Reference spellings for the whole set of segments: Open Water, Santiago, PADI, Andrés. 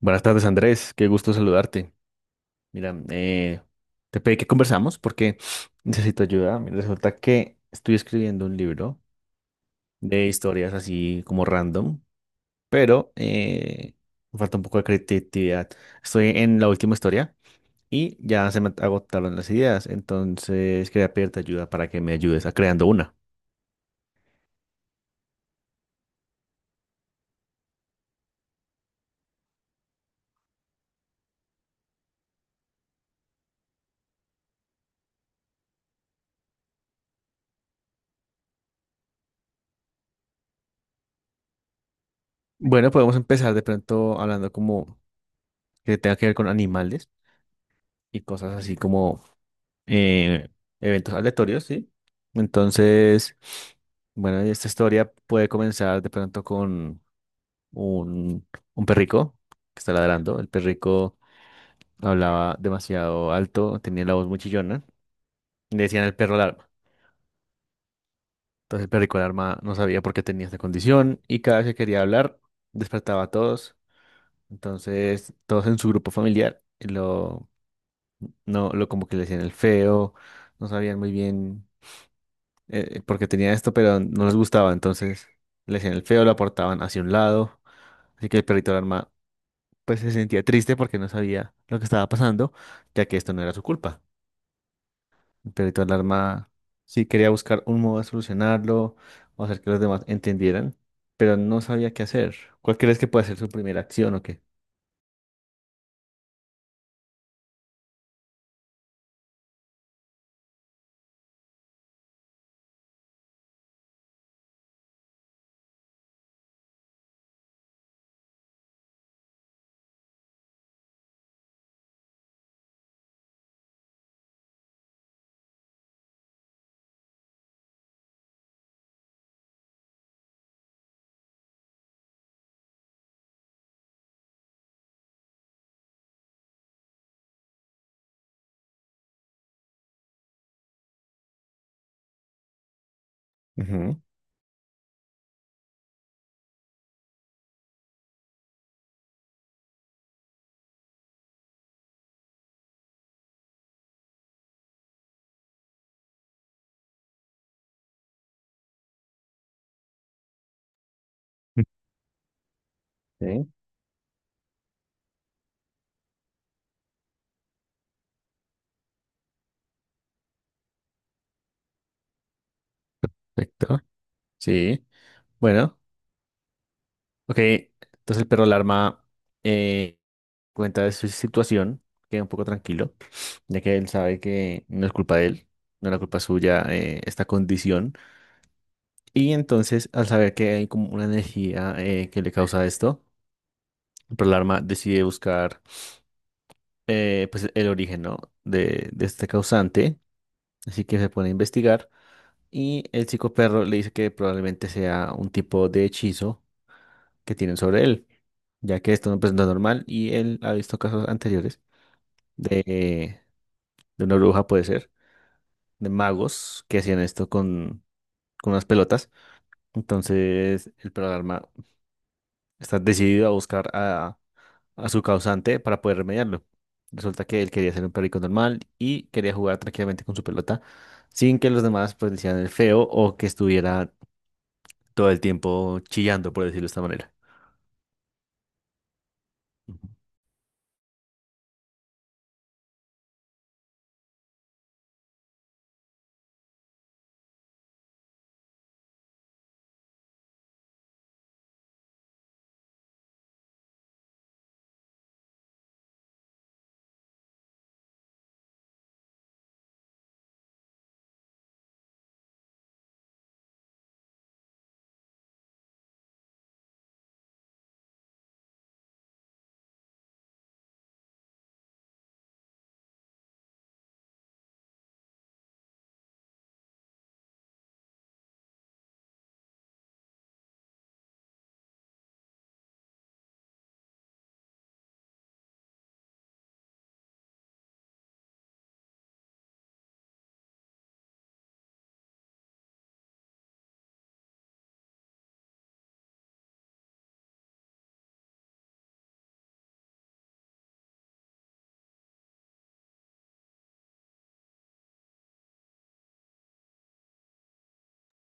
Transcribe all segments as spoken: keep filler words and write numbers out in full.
Buenas tardes, Andrés. Qué gusto saludarte. Mira, eh, te pedí que conversamos porque necesito ayuda. Mira, resulta que estoy escribiendo un libro de historias así como random, pero eh, me falta un poco de creatividad. Estoy en la última historia y ya se me agotaron las ideas, entonces quería pedirte ayuda para que me ayudes a creando una. Bueno, podemos empezar de pronto hablando como que tenga que ver con animales y cosas así como eh, eventos aleatorios, ¿sí? Entonces, bueno, y esta historia puede comenzar de pronto con un, un perrico que está ladrando. El perrico hablaba demasiado alto, tenía la voz muy chillona. Le decían el perro alarma. Entonces el perrico alarma no sabía por qué tenía esta condición y cada vez que quería hablar despertaba a todos. Entonces todos en su grupo familiar lo, no, lo como que le decían el feo, no sabían muy bien eh, porque tenía esto, pero no les gustaba, entonces le hacían el feo, lo aportaban hacia un lado, así que el perrito alarma pues se sentía triste porque no sabía lo que estaba pasando, ya que esto no era su culpa. El perrito alarma sí quería buscar un modo de solucionarlo o hacer que los demás entendieran, pero no sabía qué hacer. ¿Cuál crees que puede ser su primera acción o qué? Ujú. Sí. Perfecto. Sí. Bueno, ok. Entonces el perro alarma cuenta de su situación, queda un poco tranquilo, ya que él sabe que no es culpa de él, no es la culpa suya, eh, esta condición. Y entonces, al saber que hay como una energía, eh, que le causa esto, Pearl Alarma decide buscar eh, pues el origen, ¿no? de, de este causante, así que se pone a investigar y el psicoperro le dice que probablemente sea un tipo de hechizo que tienen sobre él, ya que esto no pues, no es normal y él ha visto casos anteriores de, de una bruja, puede ser de magos que hacían esto con, con unas pelotas. Entonces el programa está decidido a buscar a, a su causante para poder remediarlo. Resulta que él quería ser un perrico normal y quería jugar tranquilamente con su pelota sin que los demás pues decían el feo o que estuviera todo el tiempo chillando, por decirlo de esta manera. Ujú.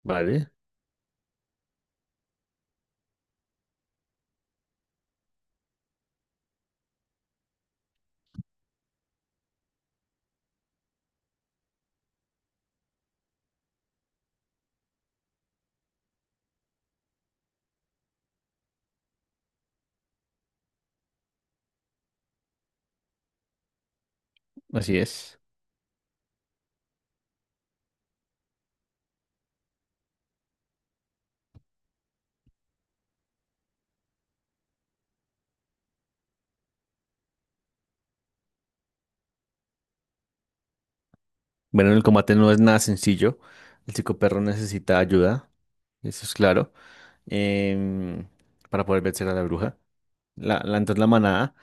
Vale, así es. Bueno, el combate no es nada sencillo. El psicoperro necesita ayuda, eso es claro, em, para poder vencer a la bruja. La, la- entonces la manada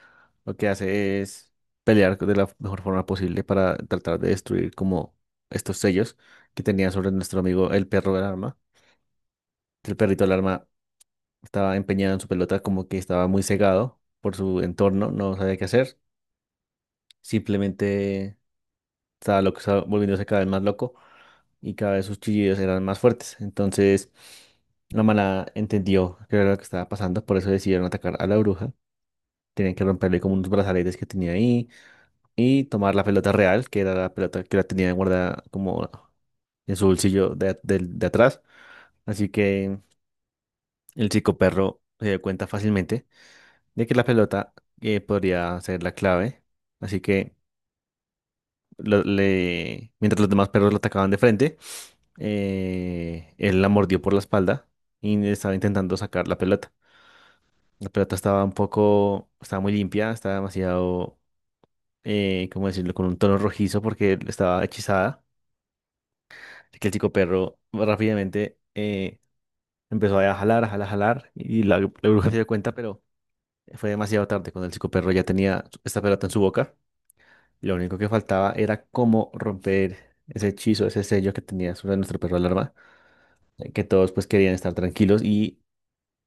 lo que hace es pelear de la mejor forma posible para tratar de destruir como estos sellos que tenía sobre nuestro amigo el perro del arma. El perrito del arma estaba empeñado en su pelota, como que estaba muy cegado por su entorno, no sabía qué hacer. Simplemente estaba loco, estaba volviéndose cada vez más loco y cada vez sus chillidos eran más fuertes. Entonces la manada entendió qué era lo que estaba pasando, por eso decidieron atacar a la bruja. Tenían que romperle como unos brazaletes que tenía ahí y tomar la pelota real, que era la pelota que la tenía guardada como en su bolsillo de, del- de atrás. Así que el psicoperro se dio cuenta fácilmente de que la pelota, eh, podría ser la clave. Así que lo- le, mientras los demás perros lo atacaban de frente, eh, él la mordió por la espalda y estaba intentando sacar la pelota. La pelota estaba un poco, estaba muy limpia, estaba demasiado, eh, ¿cómo decirlo?, con un tono rojizo porque estaba hechizada. Así que el chico perro rápidamente eh, empezó a jalar, a jalar, a jalar, y la, la bruja se dio cuenta, pero fue demasiado tarde cuando el chico perro ya tenía esta pelota en su boca. Lo único que faltaba era cómo romper ese hechizo, ese sello que tenía sobre nuestro perro alarma, eh, que todos pues querían estar tranquilos y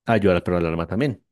ayudar al perro alarma también.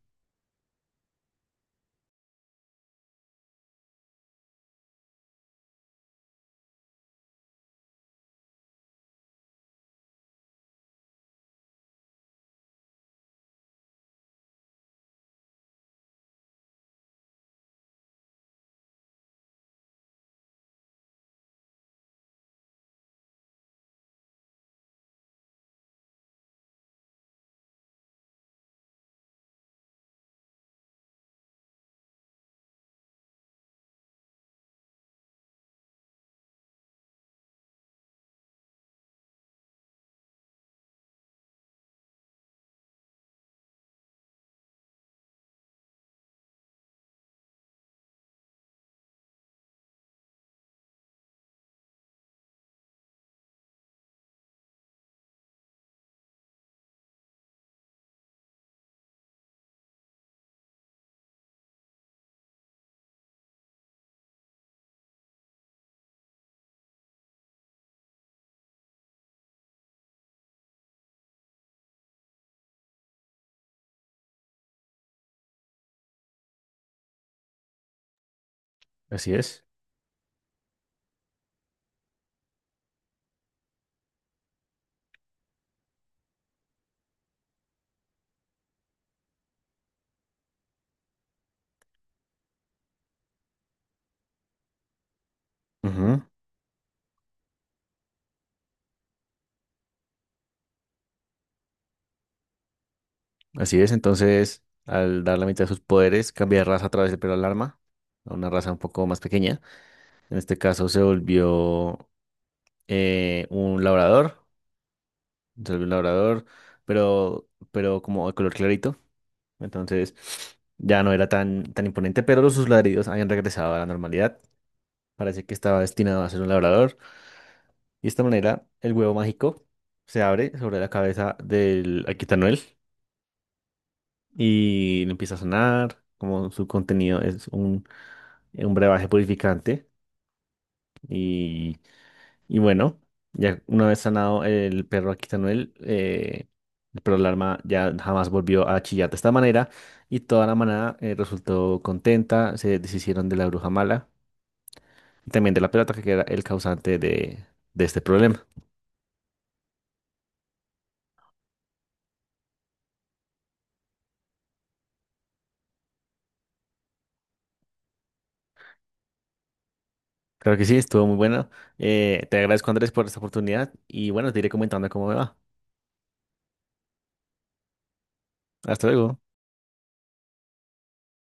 Así es. Ujú. Así es, entonces, al dar la mitad de sus poderes, cambia de raza a través del pelo al arma, a una raza un poco más pequeña. En este caso se volvió eh, un labrador, se volvió un labrador, pero, pero como de color clarito. Entonces, ya no era tan, tan imponente, pero los sus ladridos habían regresado a la normalidad. Parece que estaba destinado a ser un labrador. Y de esta manera, el huevo mágico se abre sobre la cabeza del Aquitanuel y le empieza a sonar, como su contenido es un, eh, un brebaje purificante. Y, y bueno, ya una vez sanado el perro Aquitanuel, eh, el perro Larma ya jamás volvió a chillar de esta manera. Y toda la manada, eh, resultó contenta, se deshicieron de la bruja mala y también de la pelota que era el causante de, de este problema. Claro que sí, estuvo muy bueno. Eh, te agradezco, Andrés, por esta oportunidad y bueno, te iré comentando cómo me va. Hasta luego.